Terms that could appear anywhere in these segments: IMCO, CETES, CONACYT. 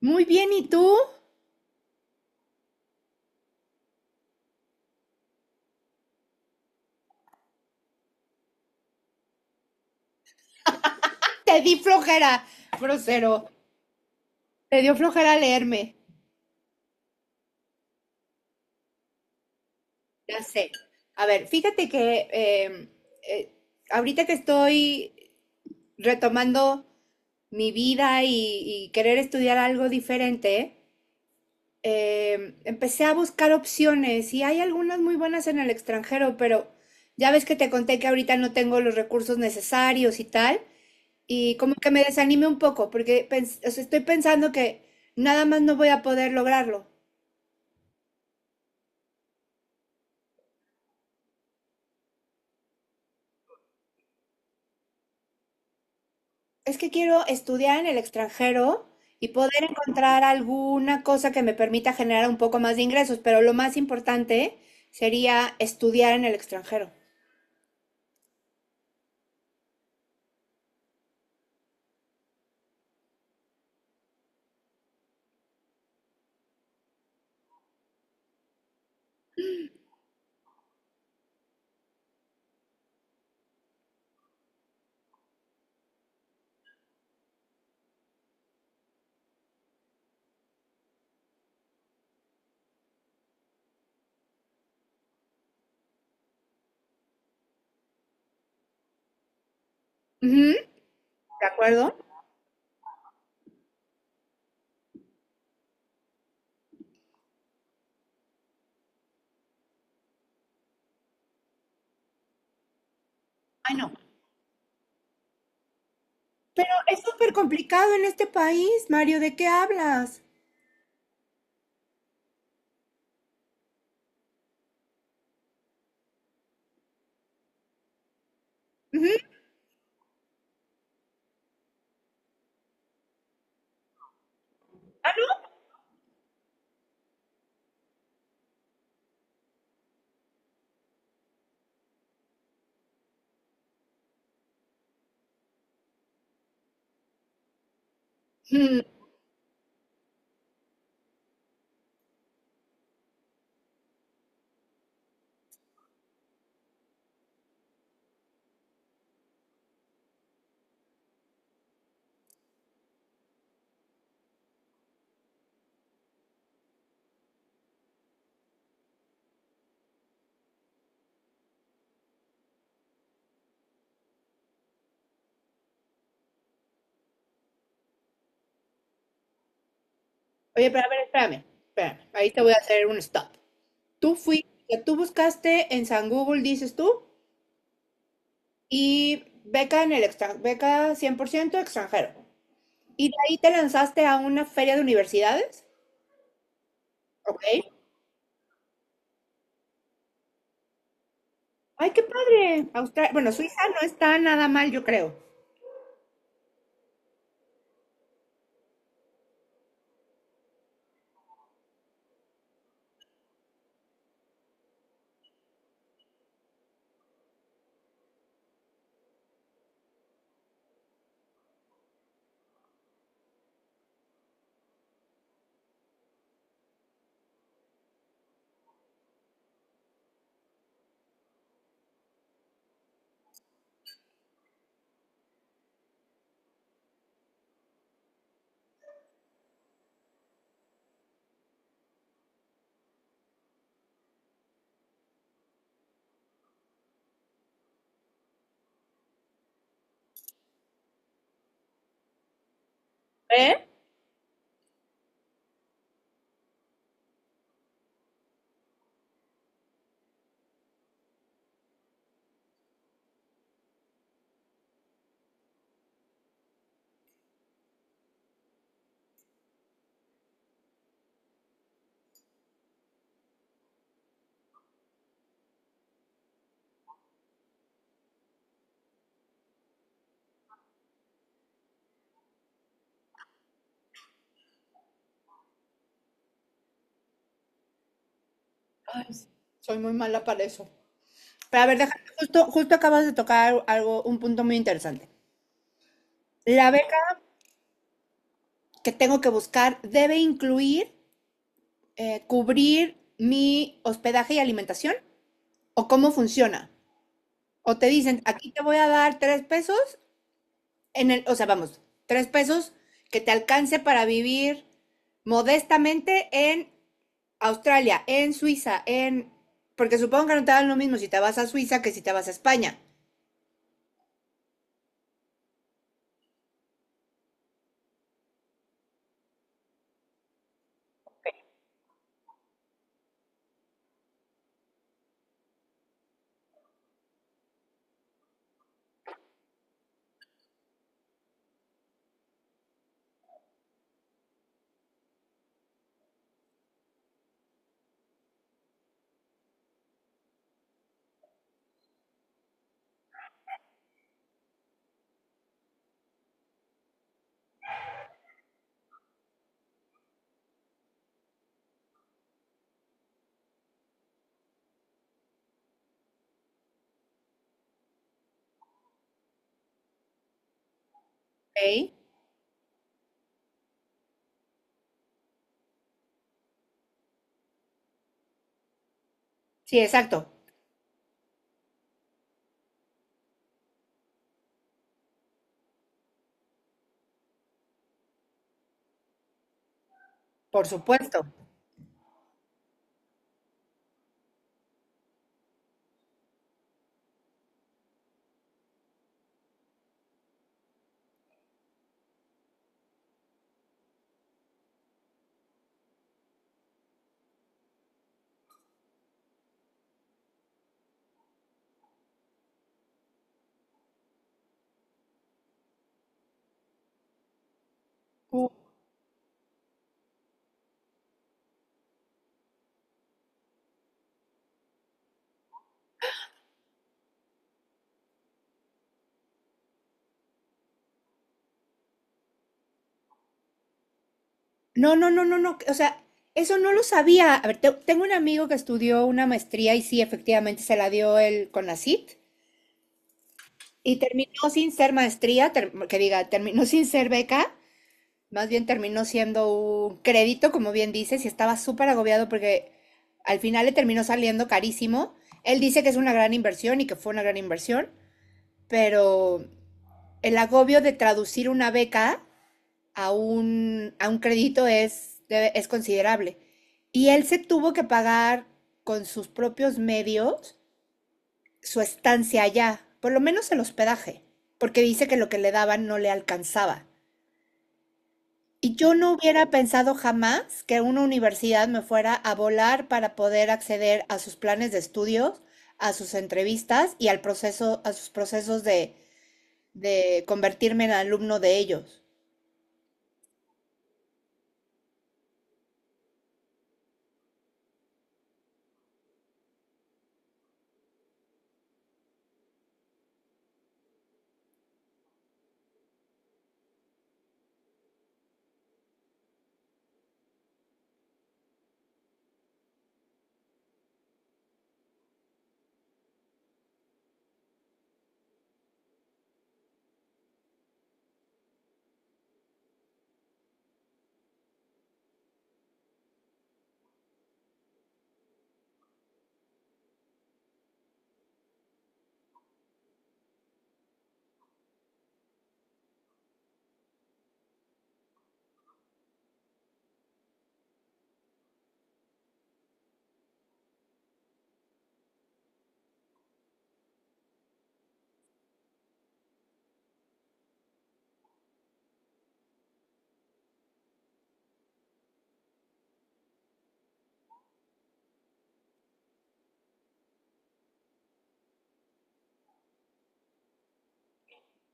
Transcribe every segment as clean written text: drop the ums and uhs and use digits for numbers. Muy bien, ¿y tú? Te di flojera, grosero. Te dio flojera leerme. Ya sé. A ver, fíjate que eh, ahorita que estoy retomando mi vida y querer estudiar algo diferente. Eh, empecé a buscar opciones y hay algunas muy buenas en el extranjero, pero ya ves que te conté que ahorita no tengo los recursos necesarios y tal. Y como que me desanime un poco, porque o sea, estoy pensando que nada más no voy a poder lograrlo. Es que quiero estudiar en el extranjero y poder encontrar alguna cosa que me permita generar un poco más de ingresos, pero lo más importante sería estudiar en el extranjero. Ujú. ¿De acuerdo? Ay, no. Pero es súper complicado en este país, Mario, ¿de qué hablas? Ujú. Mm. Oye, pero a ver, espérame, ahí te voy a hacer un stop. Tú buscaste en San Google, dices tú, y beca en el extranjero, beca 100% extranjero. Y de ahí te lanzaste a una feria de universidades, ¿ok? Ay, qué padre. Australia, bueno, Suiza no está nada mal, yo creo. ¿Eh? Soy muy mala para eso. Pero a ver, déjame, justo acabas de tocar algo, un punto muy interesante. La beca que tengo que buscar debe incluir cubrir mi hospedaje y alimentación o cómo funciona. O te dicen, aquí te voy a dar tres pesos en el, o sea, vamos, tres pesos que te alcance para vivir modestamente en Australia, en Suiza, en... Porque supongo que no te dan lo mismo si te vas a Suiza que si te vas a España. ¿Ok? Sí, exacto, por supuesto. No, no, no, no, no, o sea, eso no lo sabía. A ver, tengo un amigo que estudió una maestría y sí, efectivamente se la dio el CONACYT y terminó sin ser maestría, terminó sin ser beca. Más bien terminó siendo un crédito, como bien dices, y estaba súper agobiado porque al final le terminó saliendo carísimo. Él dice que es una gran inversión y que fue una gran inversión, pero el agobio de traducir una beca a un crédito es, es considerable. Y él se tuvo que pagar con sus propios medios su estancia allá, por lo menos el hospedaje, porque dice que lo que le daban no le alcanzaba. Y yo no hubiera pensado jamás que una universidad me fuera a volar para poder acceder a sus planes de estudios, a sus entrevistas y al proceso, a sus procesos de convertirme en alumno de ellos.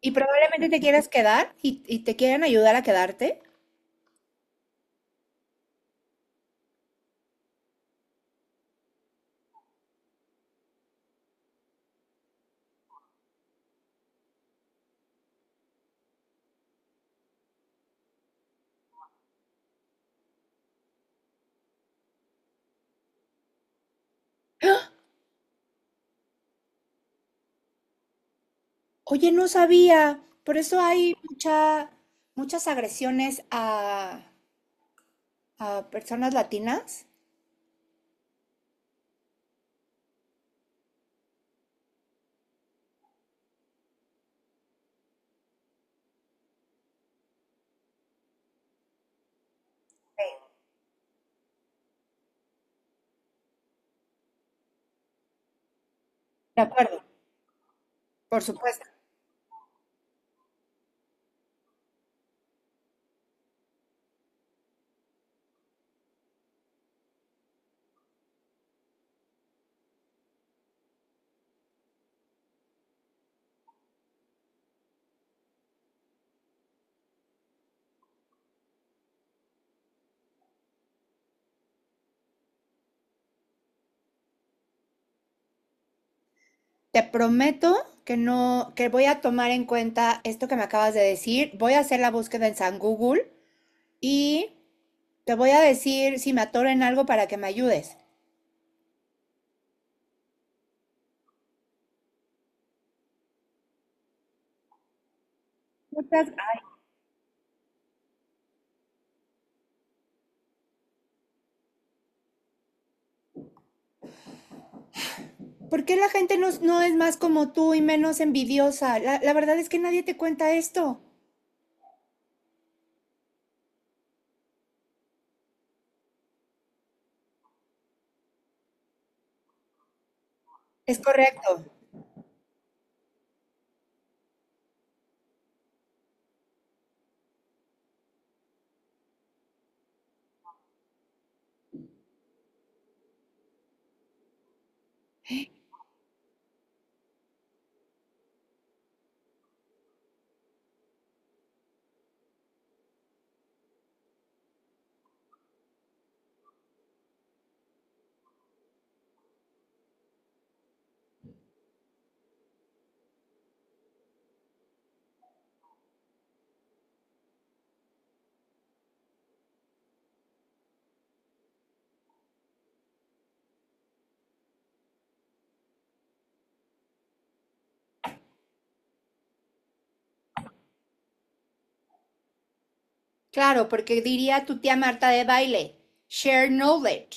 Y probablemente te quieras quedar y te quieren ayudar a quedarte. Oye, no sabía. Por eso hay muchas agresiones a personas latinas. Sí. De acuerdo, por supuesto. Te prometo que no, que voy a tomar en cuenta esto que me acabas de decir. Voy a hacer la búsqueda en San Google y te voy a decir si me atoro en algo para que me ayudes. Muchas gra- ¿Por qué la gente no es más como tú y menos envidiosa? La verdad es que nadie te cuenta esto. Es correcto. Claro, porque diría tu tía Marta de baile, share knowledge.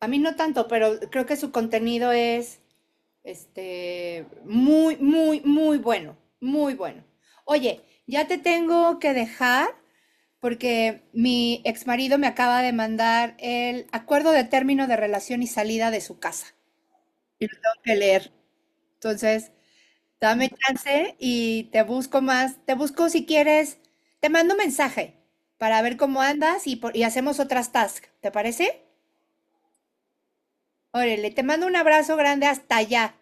A mí no tanto, pero creo que su contenido es muy, muy, muy bueno, muy bueno. Oye, ya te tengo que dejar porque mi exmarido me acaba de mandar el acuerdo de término de relación y salida de su casa. Y lo tengo que leer. Entonces, dame chance y te busco más, te busco si quieres, te mando un mensaje para ver cómo andas y hacemos otras tasks. ¿Te parece? Órale, te mando un abrazo grande hasta allá.